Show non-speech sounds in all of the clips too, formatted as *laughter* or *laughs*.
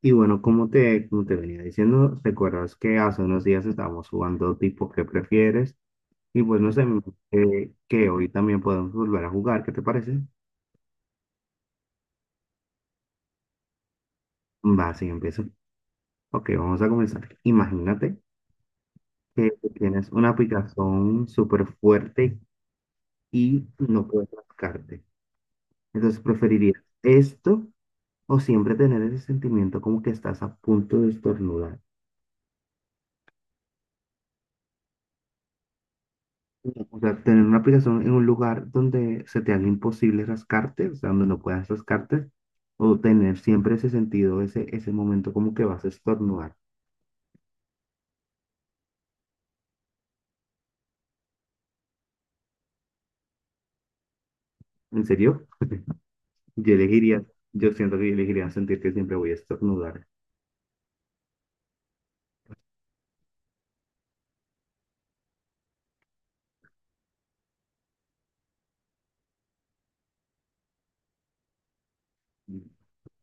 Y bueno, como te venía diciendo, recuerdas que hace unos días estábamos jugando tipo ¿qué prefieres? Y pues no sé, me parece que hoy también podemos volver a jugar, ¿qué te parece? Va, sí, empiezo. Ok, vamos a comenzar. Imagínate que tienes una picazón súper fuerte y no puedes rascarte. Entonces, ¿preferirías esto o siempre tener ese sentimiento como que estás a punto de estornudar? O sea, tener una aplicación en un lugar donde se te haga imposible rascarte, o sea, donde no puedas rascarte, o tener siempre ese sentido, ese momento como que vas a estornudar. ¿En serio? *laughs* Yo elegiría, yo siento que yo elegiría sentir que siempre voy a estornudar.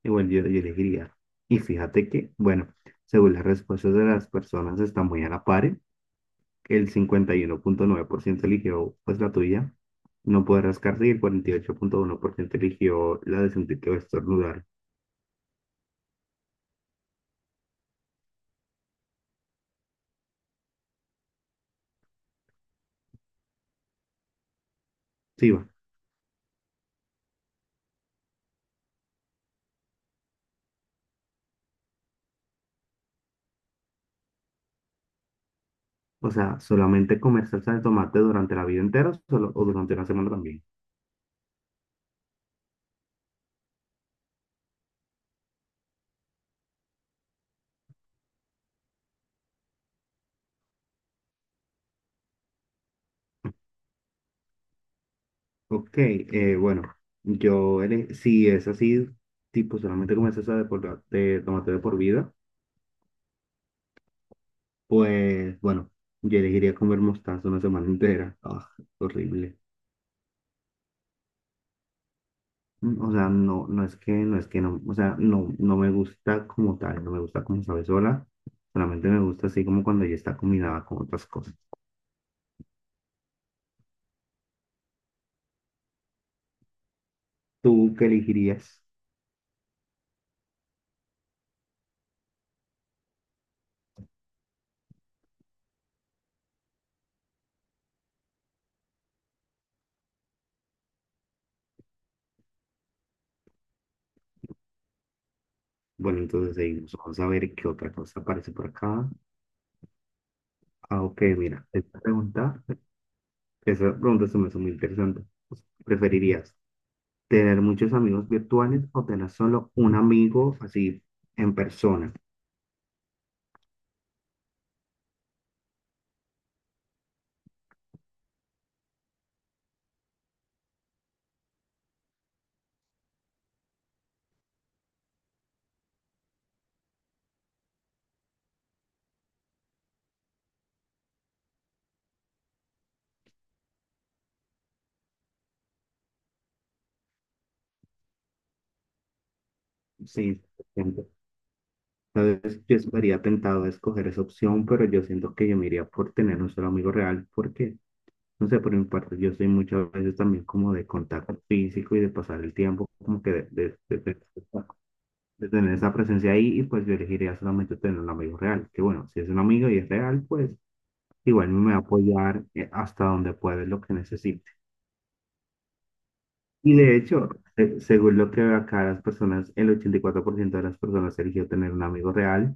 Igual yo elegiría. Y fíjate que, bueno, según las respuestas de las personas está muy a la par, ¿eh? El 51,9% eligió pues la tuya, no poder rascarse, y el 48,1% eligió la de sentir que va a estornudar. Sí, va. O sea, solamente comer salsa de tomate durante la vida entera o durante una semana también. Ok, bueno, si es así, tipo solamente comer salsa de tomate de por vida, pues bueno, yo elegiría comer mostaza una semana entera. Ah, horrible. Mm. O sea, no, no es que no, o sea, no me gusta como tal, no me gusta como sabe sola, solamente me gusta así como cuando ya está combinada con otras cosas. ¿Tú qué elegirías? Bueno, entonces seguimos. Vamos a ver qué otra cosa aparece por acá. Ah, ok, mira, esa pregunta se me hace muy interesante. ¿Preferirías tener muchos amigos virtuales o tener solo un amigo así en persona? Sí, siempre. Sabes, yo estaría tentado a escoger esa opción, pero yo siento que yo me iría por tener un solo amigo real, porque, no sé, por mi parte, yo soy muchas veces también como de contacto físico y de pasar el tiempo, como que de tener esa presencia ahí y pues yo elegiría solamente tener un amigo real, que bueno, si es un amigo y es real, pues igual me va a apoyar hasta donde pueda en lo que necesite. Y de hecho, según lo que veo acá, las personas, el 84% de las personas eligió tener un amigo real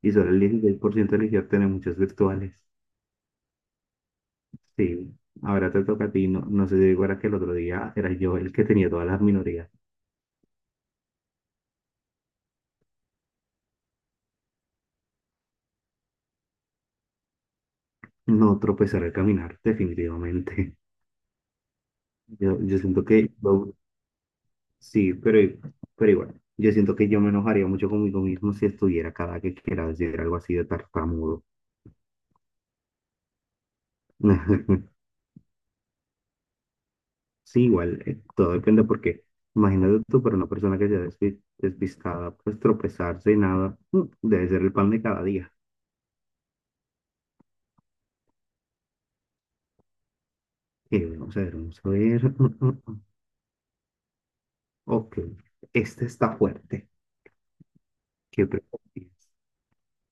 y solo el 16% eligió tener muchos virtuales. Sí, ahora te toca a ti, no, no sé si digo, era que el otro día era yo el que tenía todas las minorías. No tropezar al caminar, definitivamente. *laughs* Yo siento que... Sí, pero, igual, yo siento que yo me enojaría mucho conmigo mismo si estuviera cada que quiera decir algo así de tartamudo. *laughs* Sí, igual, todo depende porque imagínate tú, para una persona que sea despistada, pues tropezarse y nada, mm, debe ser el pan de cada día. Vamos a ver, vamos a ver. *laughs* Mm. Ok, este está fuerte. ¿Qué prefieres?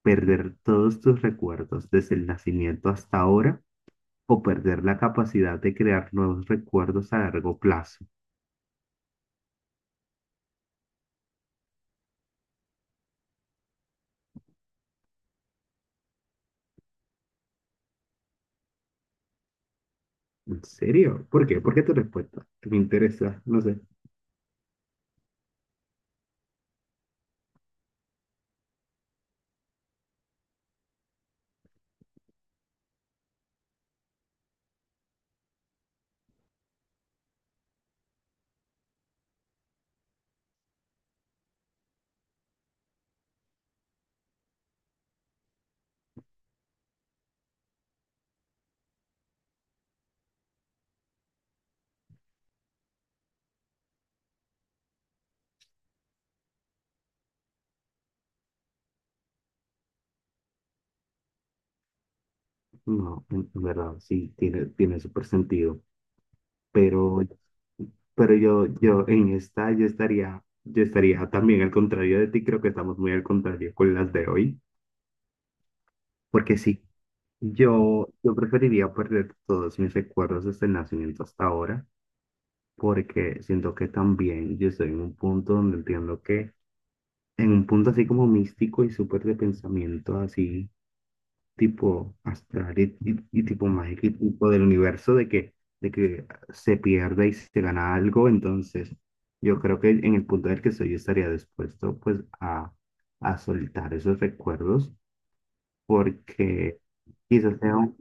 ¿Perder todos tus recuerdos desde el nacimiento hasta ahora o perder la capacidad de crear nuevos recuerdos a largo plazo? ¿En serio? ¿Por qué tu respuesta? Me interesa, no sé. No, en verdad, sí, tiene súper sentido. Pero, pero yo, yo en esta, yo estaría también al contrario de ti, creo que estamos muy al contrario con las de hoy. Porque sí, yo preferiría perder todos mis recuerdos desde el nacimiento hasta ahora, porque siento que también yo estoy en un punto donde entiendo que, en un punto así como místico y súper de pensamiento, así tipo astral y tipo mágico y tipo del universo de que, se pierde y se gana algo, entonces yo creo que en el punto en el que soy yo estaría dispuesto pues a soltar esos recuerdos porque quizás sea un,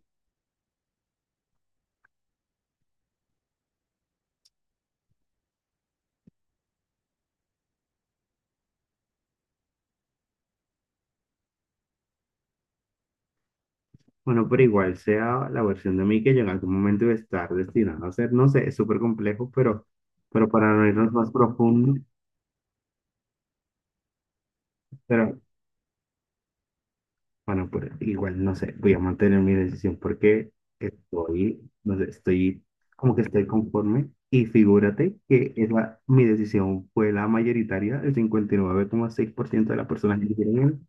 bueno, pero igual sea la versión de mí que yo en algún momento iba a estar destinado a ser, no sé, es súper complejo, pero para no irnos más profundo. pero Bueno, pues igual, no sé, voy a mantener mi decisión porque estoy, no sé, estoy como que estoy conforme y figúrate que es mi decisión fue la mayoritaria, el 59,6% de las personas que eligieron él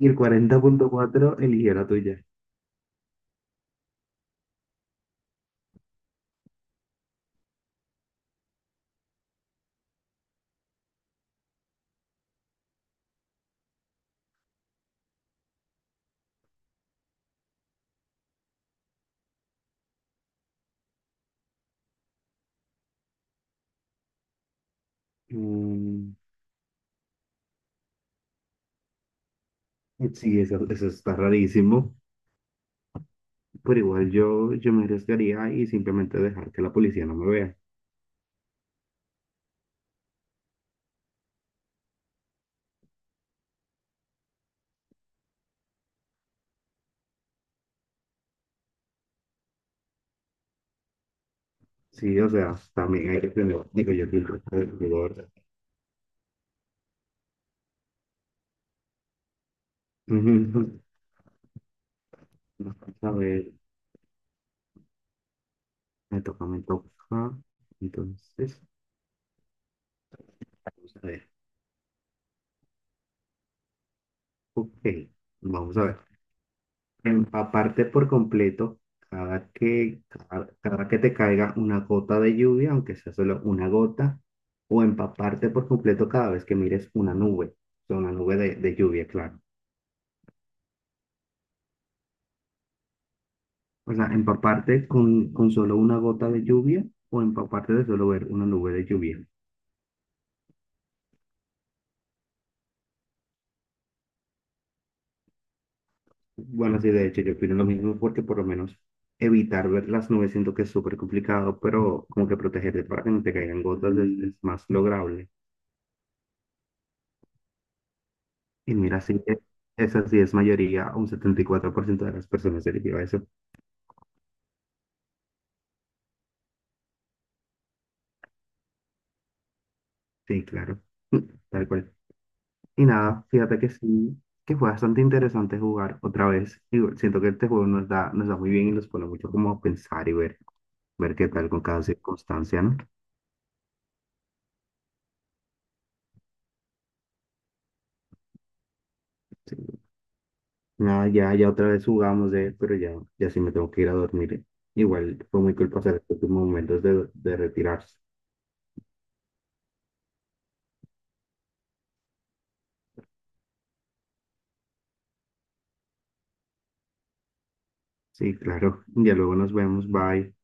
y el 40,4% eligieron la tuya. Mm, sí, eso está rarísimo, pero igual yo me arriesgaría y simplemente dejar que la policía no me vea. Sí, o sea, también hay que tener, digo yo, que el resto del rigor. *laughs* Ujú. A ver, me toca. Entonces, vamos a ver. Ok, vamos a ver. Empaparte por completo cada que te caiga una gota de lluvia, aunque sea solo una gota, o empaparte por completo cada vez que mires una nube, o sea, una nube de lluvia, claro. O sea, empaparte con solo una gota de lluvia o empaparte de solo ver una nube de lluvia. Bueno, sí, de hecho, yo opino lo mismo porque por lo menos evitar ver las nubes siento que es súper complicado, pero como que protegerte para que no te caigan gotas es más lograble. Y mira, sí, esa sí es mayoría, un 74% de las personas eligió eso. Sí, claro, tal cual. Y nada, fíjate que sí, que fue bastante interesante jugar otra vez. Y siento que este juego nos da muy bien y nos pone mucho como a pensar y ver, ver qué tal con cada circunstancia, ¿no? Sí. Nada, ya otra vez jugamos pero ya sí me tengo que ir a dormir. Igual fue muy cool pasar estos momentos de retirarse. Sí, claro. Ya luego nos vemos. Bye.